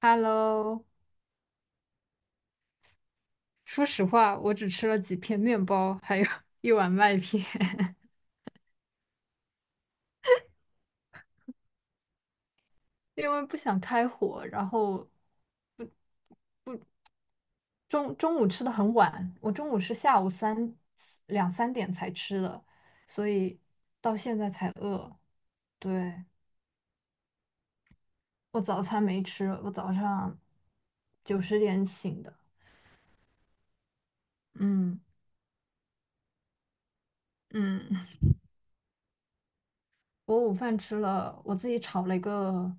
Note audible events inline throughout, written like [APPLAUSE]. Hello，说实话，我只吃了几片面包，还有 [LAUGHS] 一碗麦片，[LAUGHS] 因为不想开火。然后中午吃的很晚，我中午是下午两三点才吃的，所以到现在才饿。对，我早餐没吃，我早上九十点醒的。嗯嗯，[LAUGHS] 我午饭吃了，我自己炒了一个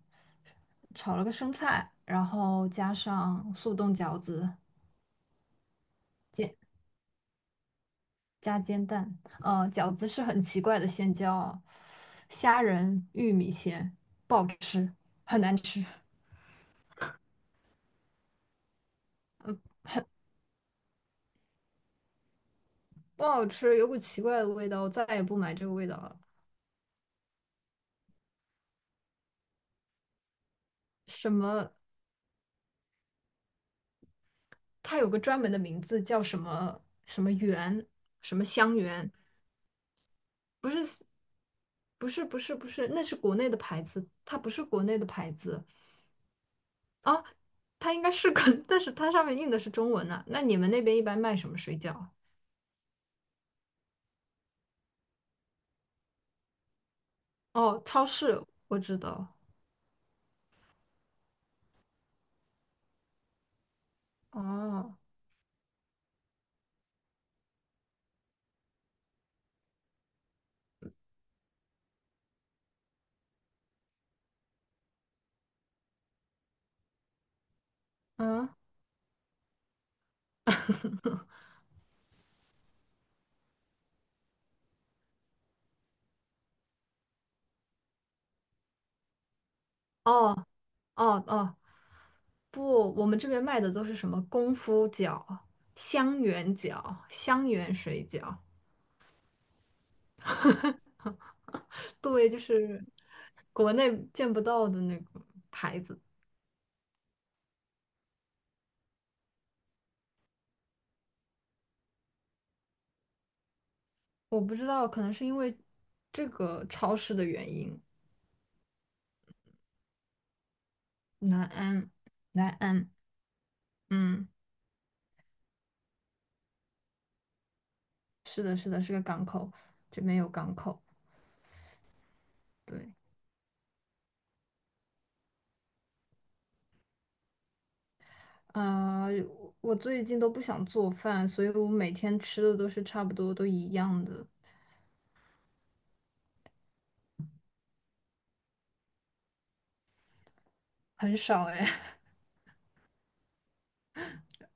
炒了个生菜，然后加上速冻饺子。煎加煎蛋，饺子是很奇怪的馅料啊，叫虾仁玉米馅，不好吃，很难吃，不好吃，有股奇怪的味道，我再也不买这个味道了。什么？它有个专门的名字叫什么什么圆，什么香圆？不是不是不是不是，那是国内的牌子，它不是国内的牌子啊，它应该是个，[LAUGHS] 但是它上面印的是中文啊。那你们那边一般卖什么水饺啊？哦，超市，我知道。哦，嗯。哦哦哦，不，我们这边卖的都是什么功夫饺、香圆饺、香圆水饺，[LAUGHS] 对，就是国内见不到的那个牌子。我不知道，可能是因为这个超市的原因。南安，南安，嗯，是的，是的，是个港口，这边有港口。对，啊、我最近都不想做饭，所以我每天吃的都是差不多都一样的。很少哎，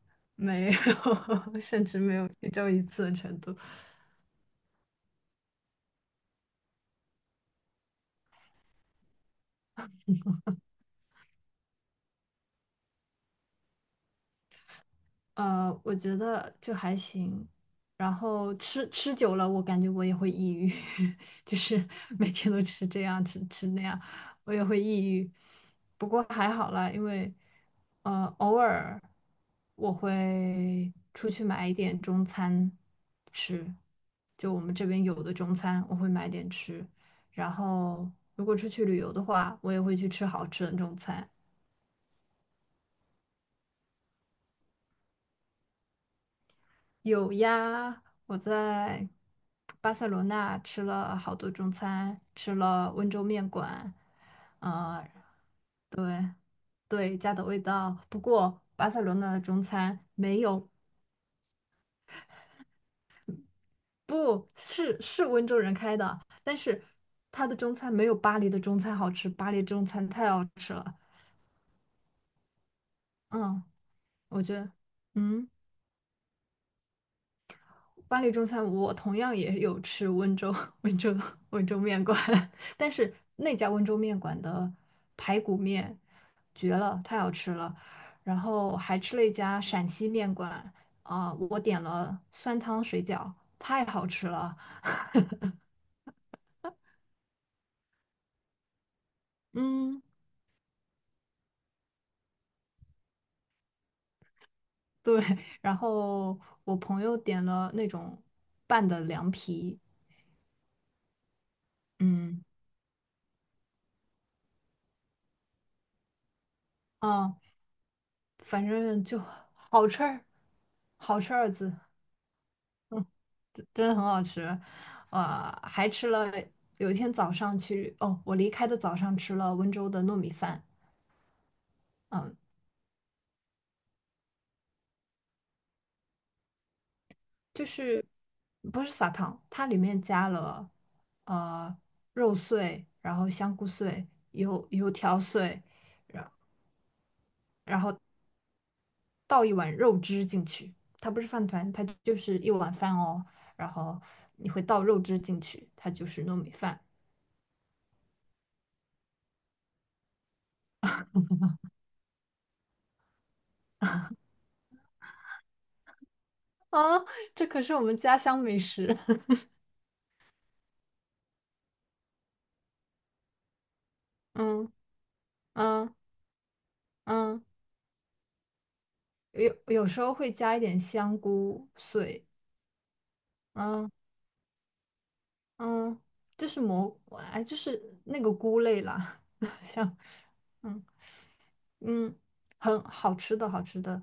[LAUGHS] 没有，[LAUGHS] 甚至没有也就一次的程度。我觉得就还行。然后吃久了，我感觉我也会抑郁，[LAUGHS] 就是每天都吃这样吃那样，我也会抑郁。不过还好啦，因为偶尔我会出去买一点中餐吃，就我们这边有的中餐，我会买点吃。然后如果出去旅游的话，我也会去吃好吃的中餐。有呀，我在巴塞罗那吃了好多中餐，吃了温州面馆，呃，对对，家的味道。不过巴塞罗那的中餐没有，不是，是温州人开的，但是他的中餐没有巴黎的中餐好吃，巴黎中餐太好吃了。嗯，我觉得，嗯。巴黎中餐，我同样也有吃温州 [LAUGHS] 温州温州面馆，[LAUGHS] 但是那家温州面馆的排骨面绝了，太好吃了。然后还吃了一家陕西面馆，啊、我点了酸汤水饺，太好吃了。嗯，对。[LAUGHS] 然后我朋友点了那种拌的凉皮，嗯，啊、反正就好吃儿，好吃二字。真的很好吃，还吃了有一天早上去，哦，我离开的早上吃了温州的糯米饭，嗯，就是不是撒糖，它里面加了呃肉碎，然后香菇碎、油条碎，然然后倒一碗肉汁进去，它不是饭团，它就是一碗饭哦，然后你会倒肉汁进去，它就是糯米饭啊，这可是我们家乡美食，[LAUGHS] 嗯嗯嗯。有时候会加一点香菇碎，嗯嗯，就是蘑，哎，就是那个菇类啦，[LAUGHS] 像，嗯嗯，很好吃的，好吃的，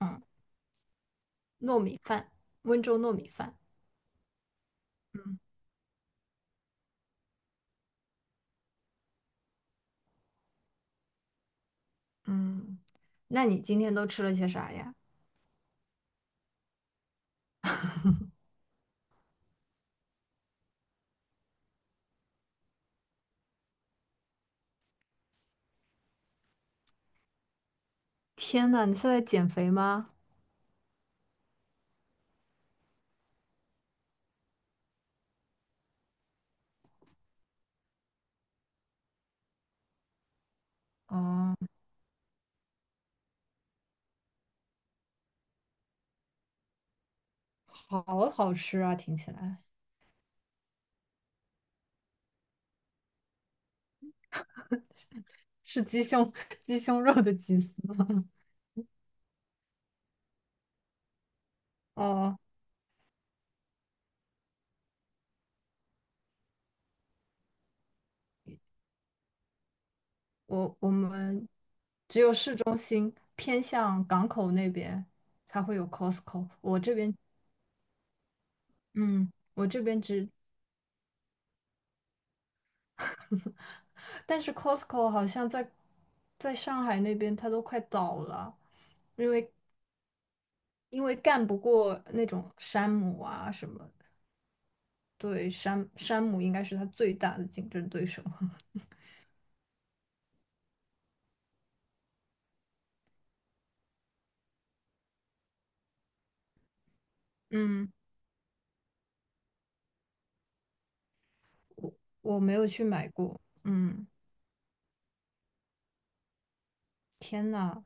嗯，糯米饭，温州糯米饭，嗯嗯，那你今天都吃了些啥呀？天呐，你是在减肥吗？哦，好好吃啊，听起来是鸡胸 [LAUGHS] 鸡胸肉的鸡丝吗？[LAUGHS] 哦。我们只有市中心偏向港口那边才会有 Costco。我这边，嗯，我这边只，但是 Costco 好像在上海那边它都快倒了，因为因为干不过那种山姆啊什么的对，山姆应该是它最大的竞争对手。[LAUGHS] 嗯，我我没有去买过。嗯，天呐，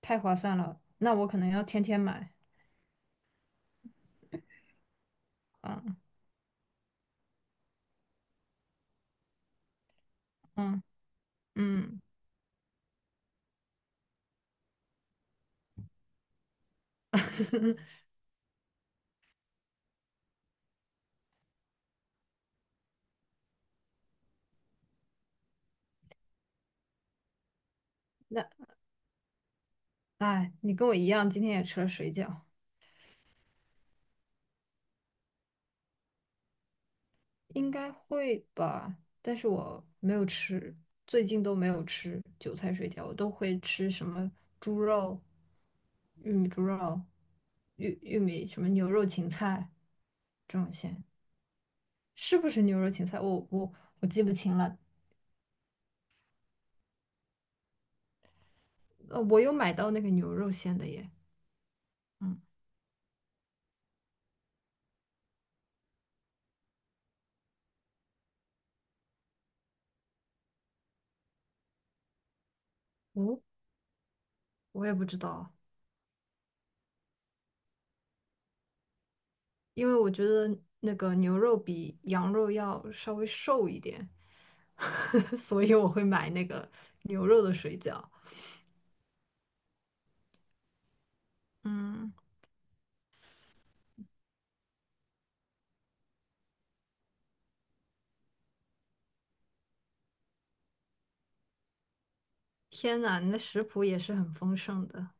太划算了，那我可能要天天买。嗯嗯嗯。[LAUGHS] 那哎，你跟我一样，今天也吃了水饺，应该会吧？但是我没有吃，最近都没有吃韭菜水饺，我都会吃什么猪肉、玉米猪肉、玉米什么牛肉芹菜这种馅，是不是牛肉芹菜？我记不清了。我有买到那个牛肉馅的耶，嗯，哦，我也不知道。因为我觉得那个牛肉比羊肉要稍微瘦一点，[LAUGHS] 所以我会买那个牛肉的水饺。嗯，天呐，你的食谱也是很丰盛的。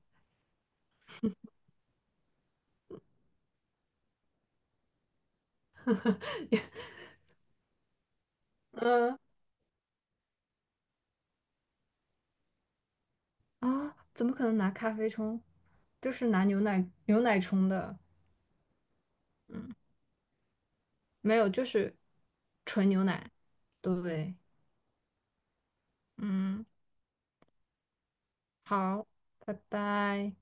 [LAUGHS] 嗯啊，怎么可能拿咖啡冲？就是拿牛奶冲的。嗯，没有，就是纯牛奶。对，嗯，好，拜拜。